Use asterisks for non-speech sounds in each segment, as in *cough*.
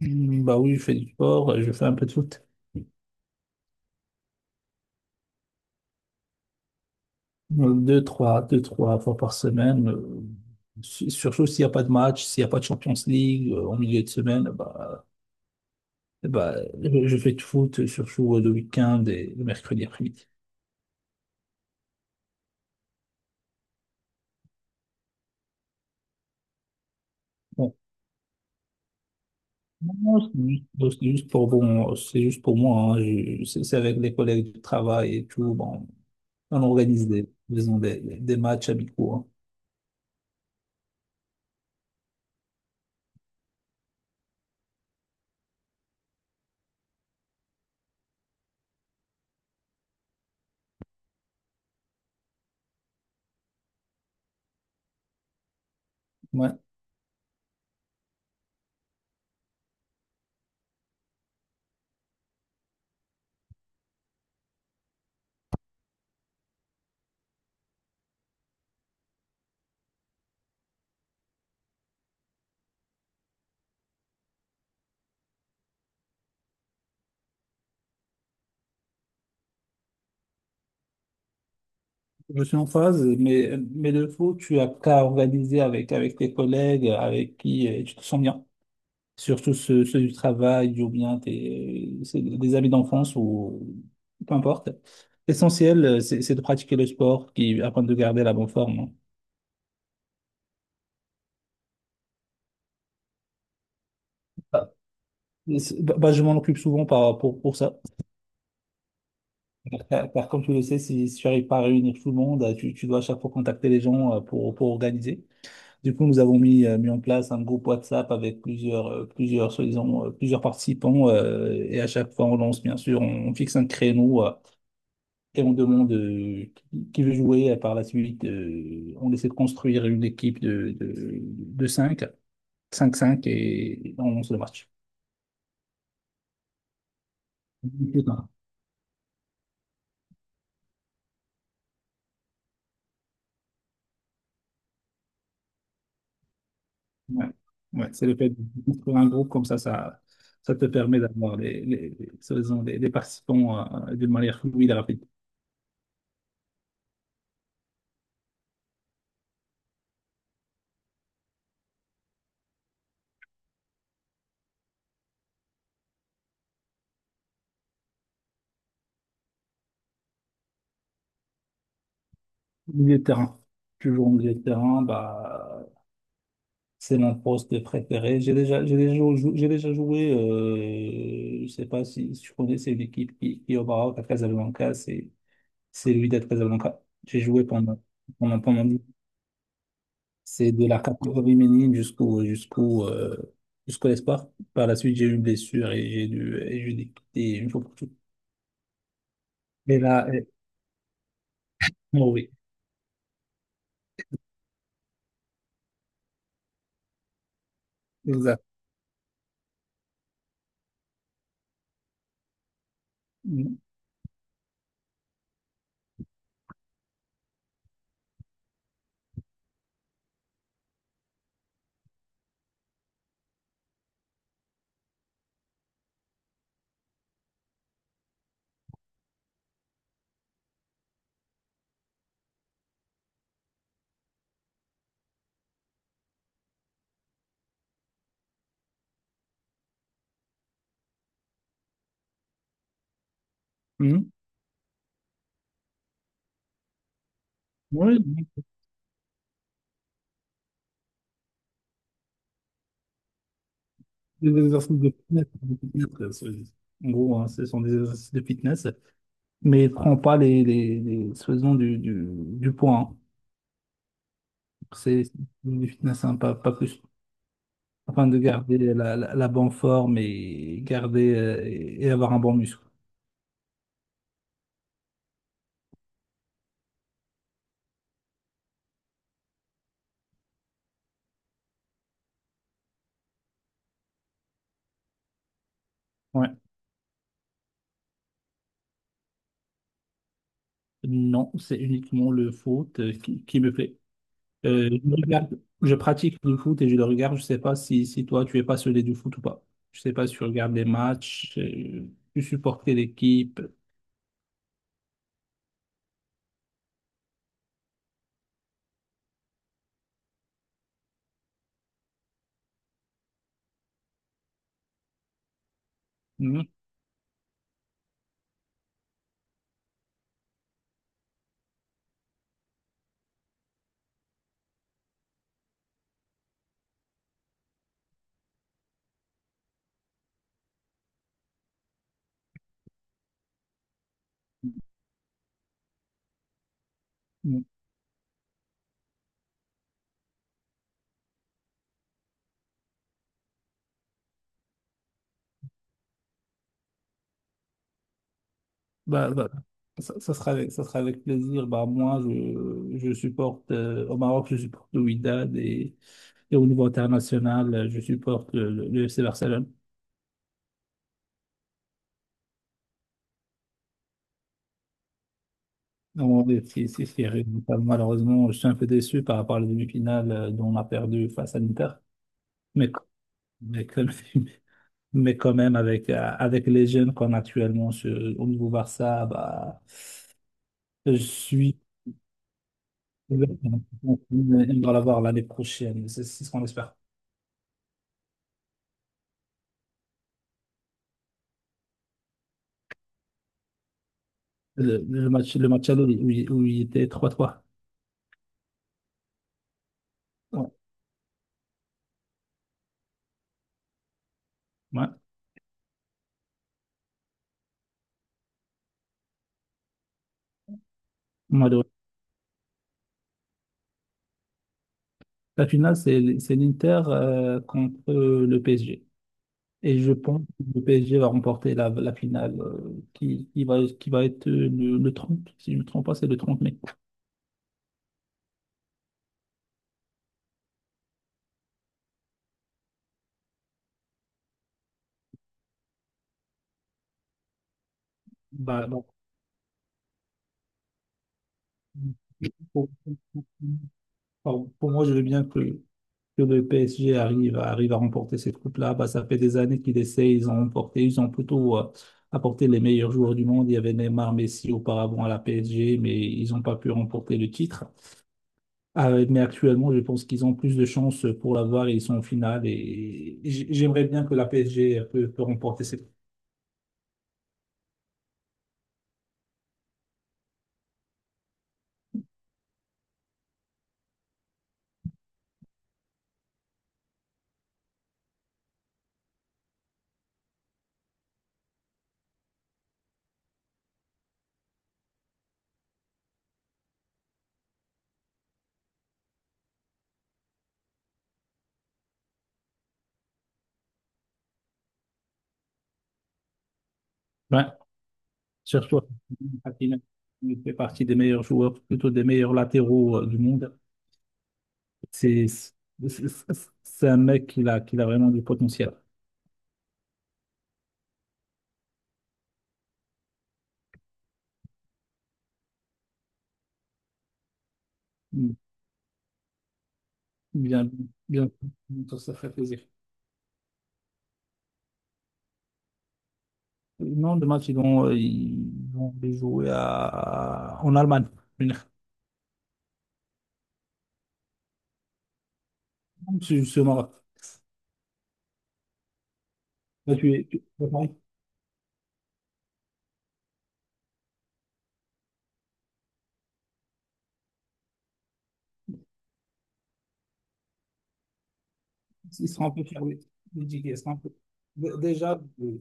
Hmm. Bah oui, je fais du sport, je fais un peu de foot. Deux, trois, deux, trois fois par semaine. Surtout s'il n'y a pas de match, s'il n'y a pas de Champions League en milieu de semaine, eh bah, je fais du foot, surtout le week-end et le mercredi après-midi. Bon, non, c'est juste pour moi, hein. C'est avec les collègues du travail et tout. Bon, on organise des, disons, des matchs amicaux, hein. Ouais, je suis en phase, mais le foot, tu as qu'à organiser avec tes collègues avec qui tu te sens bien. Surtout ceux du travail ou bien tes, c'est des amis d'enfance ou peu importe. L'essentiel, c'est de pratiquer le sport qui, afin de garder la bonne forme, hein. Bah, je m'en occupe souvent pour ça. Car comme tu le sais, si tu n'arrives pas à réunir tout le monde, tu dois à chaque fois contacter les gens pour organiser. Du coup, nous avons mis en place un groupe WhatsApp avec plusieurs participants. Et à chaque fois, on lance, bien sûr, on fixe un créneau et on demande qui veut jouer. Et par la suite, on essaie de construire une équipe de cinq cinq et on lance le match. Ouais, ouais, c'est le fait de construire un groupe comme ça, ça te permet d'avoir les participants d'une manière fluide et rapide. Milieu de terrain. Toujours au milieu de terrain, bah, c'est mon poste préféré. J'ai déjà joué, je sais pas si, si tu connais, c'est une équipe qui est au Maroc, à Casablanca, c'est l'UID de Casablanca. J'ai joué pendant c'est de la catégorie féminine jusqu'au espoir. Par la suite, j'ai eu une blessure et j'ai dû quitter une fois pour toutes. Mais là, bon, oui, exact. Mhm. Mhm. Oui, des exercices de fitness. En gros, hein, ce sont des exercices de fitness, mais ne prends pas faisons du poids, hein. C'est du fitness, hein, pas, pas plus, afin de garder la bonne forme et garder et avoir un bon muscle. Ouais. Non, c'est uniquement le foot qui me plaît. Je pratique le foot et je le regarde. Je sais pas si, si toi, tu es passionné du foot ou pas. Je sais pas si tu regardes les matchs, tu supportes quelle équipe. Mhm. Bah, bah, Ça sera ça sera avec plaisir. Bah, je supporte au Maroc, je supporte le Wydad, et au niveau international, je supporte le FC Barcelone. Non, mais c'est serré. Donc, malheureusement, je suis un peu déçu par rapport à la demi-finale dont on a perdu face à l'Inter. Mais, quand même, *laughs* mais quand même, avec les jeunes qu'on a actuellement au niveau Barça, bah, je suis. On va l'avoir l'année prochaine. C'est ce qu'on espère. Le match aller où il était 3-3. Ouais. Ouais. Malheureux. La finale, c'est l'Inter contre le PSG. Et je pense que le PSG va remporter la finale, qui va être le 30. Si je ne me trompe pas, c'est le 30 mai. Bah, bah, pour, pour moi, je veux bien que le PSG arrive à remporter cette coupe-là. Bah, ça fait des années qu'ils essaient, ils ont remporté, ils ont plutôt apporté les meilleurs joueurs du monde. Il y avait Neymar, Messi auparavant à la PSG, mais ils n'ont pas pu remporter le titre. Mais actuellement, je pense qu'ils ont plus de chances pour l'avoir et ils sont en finale. Et j'aimerais bien que la PSG peut remporter cette coupe. Ouais, surtout Hakimi, il fait partie des meilleurs joueurs, plutôt des meilleurs latéraux du monde. C'est c'est- c'est un mec qui a vraiment du potentiel. Mm. Bien, Bien, ça fait plaisir. Non, le match, ils vont les jouer à, en Allemagne. En Allemagne. C'est au Maroc. Là, tu es, tu- Ils seront un peu fermés, les tickets, seront un peu déjà,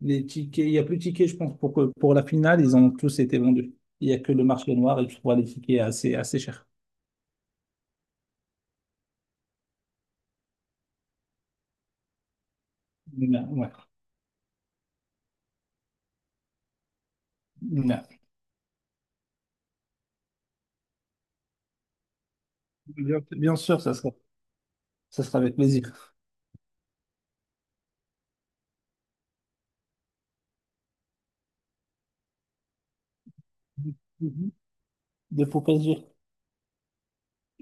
les tickets, il n'y a plus de tickets, je pense, pour la finale, ils ont tous été vendus. Il n'y a que le marché noir et tu vois les tickets assez chers. Bien, ouais. Bien, Bien sûr, ça sera avec plaisir. Mhm. De pour PSG,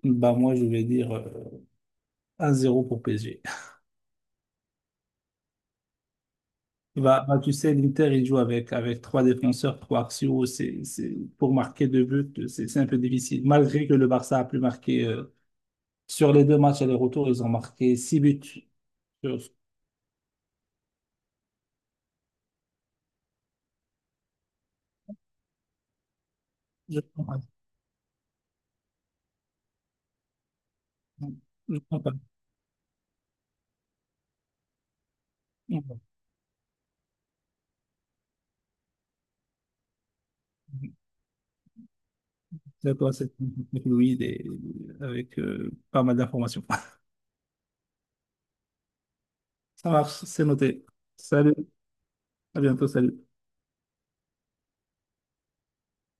bah moi, je vais dire 1-0 pour PSG. Tu sais, l'Inter, il joue avec trois défenseurs, trois axiaux. Pour marquer 2 buts, c'est un peu difficile. Malgré que le Barça a plus marqué sur les deux matchs aller-retour, ils ont marqué 6 buts. Je je comprends pas. Je comprends pas. D'accord, c'est avec Louis et avec pas mal d'informations. *laughs* Ça marche, c'est noté. Salut, à bientôt, salut.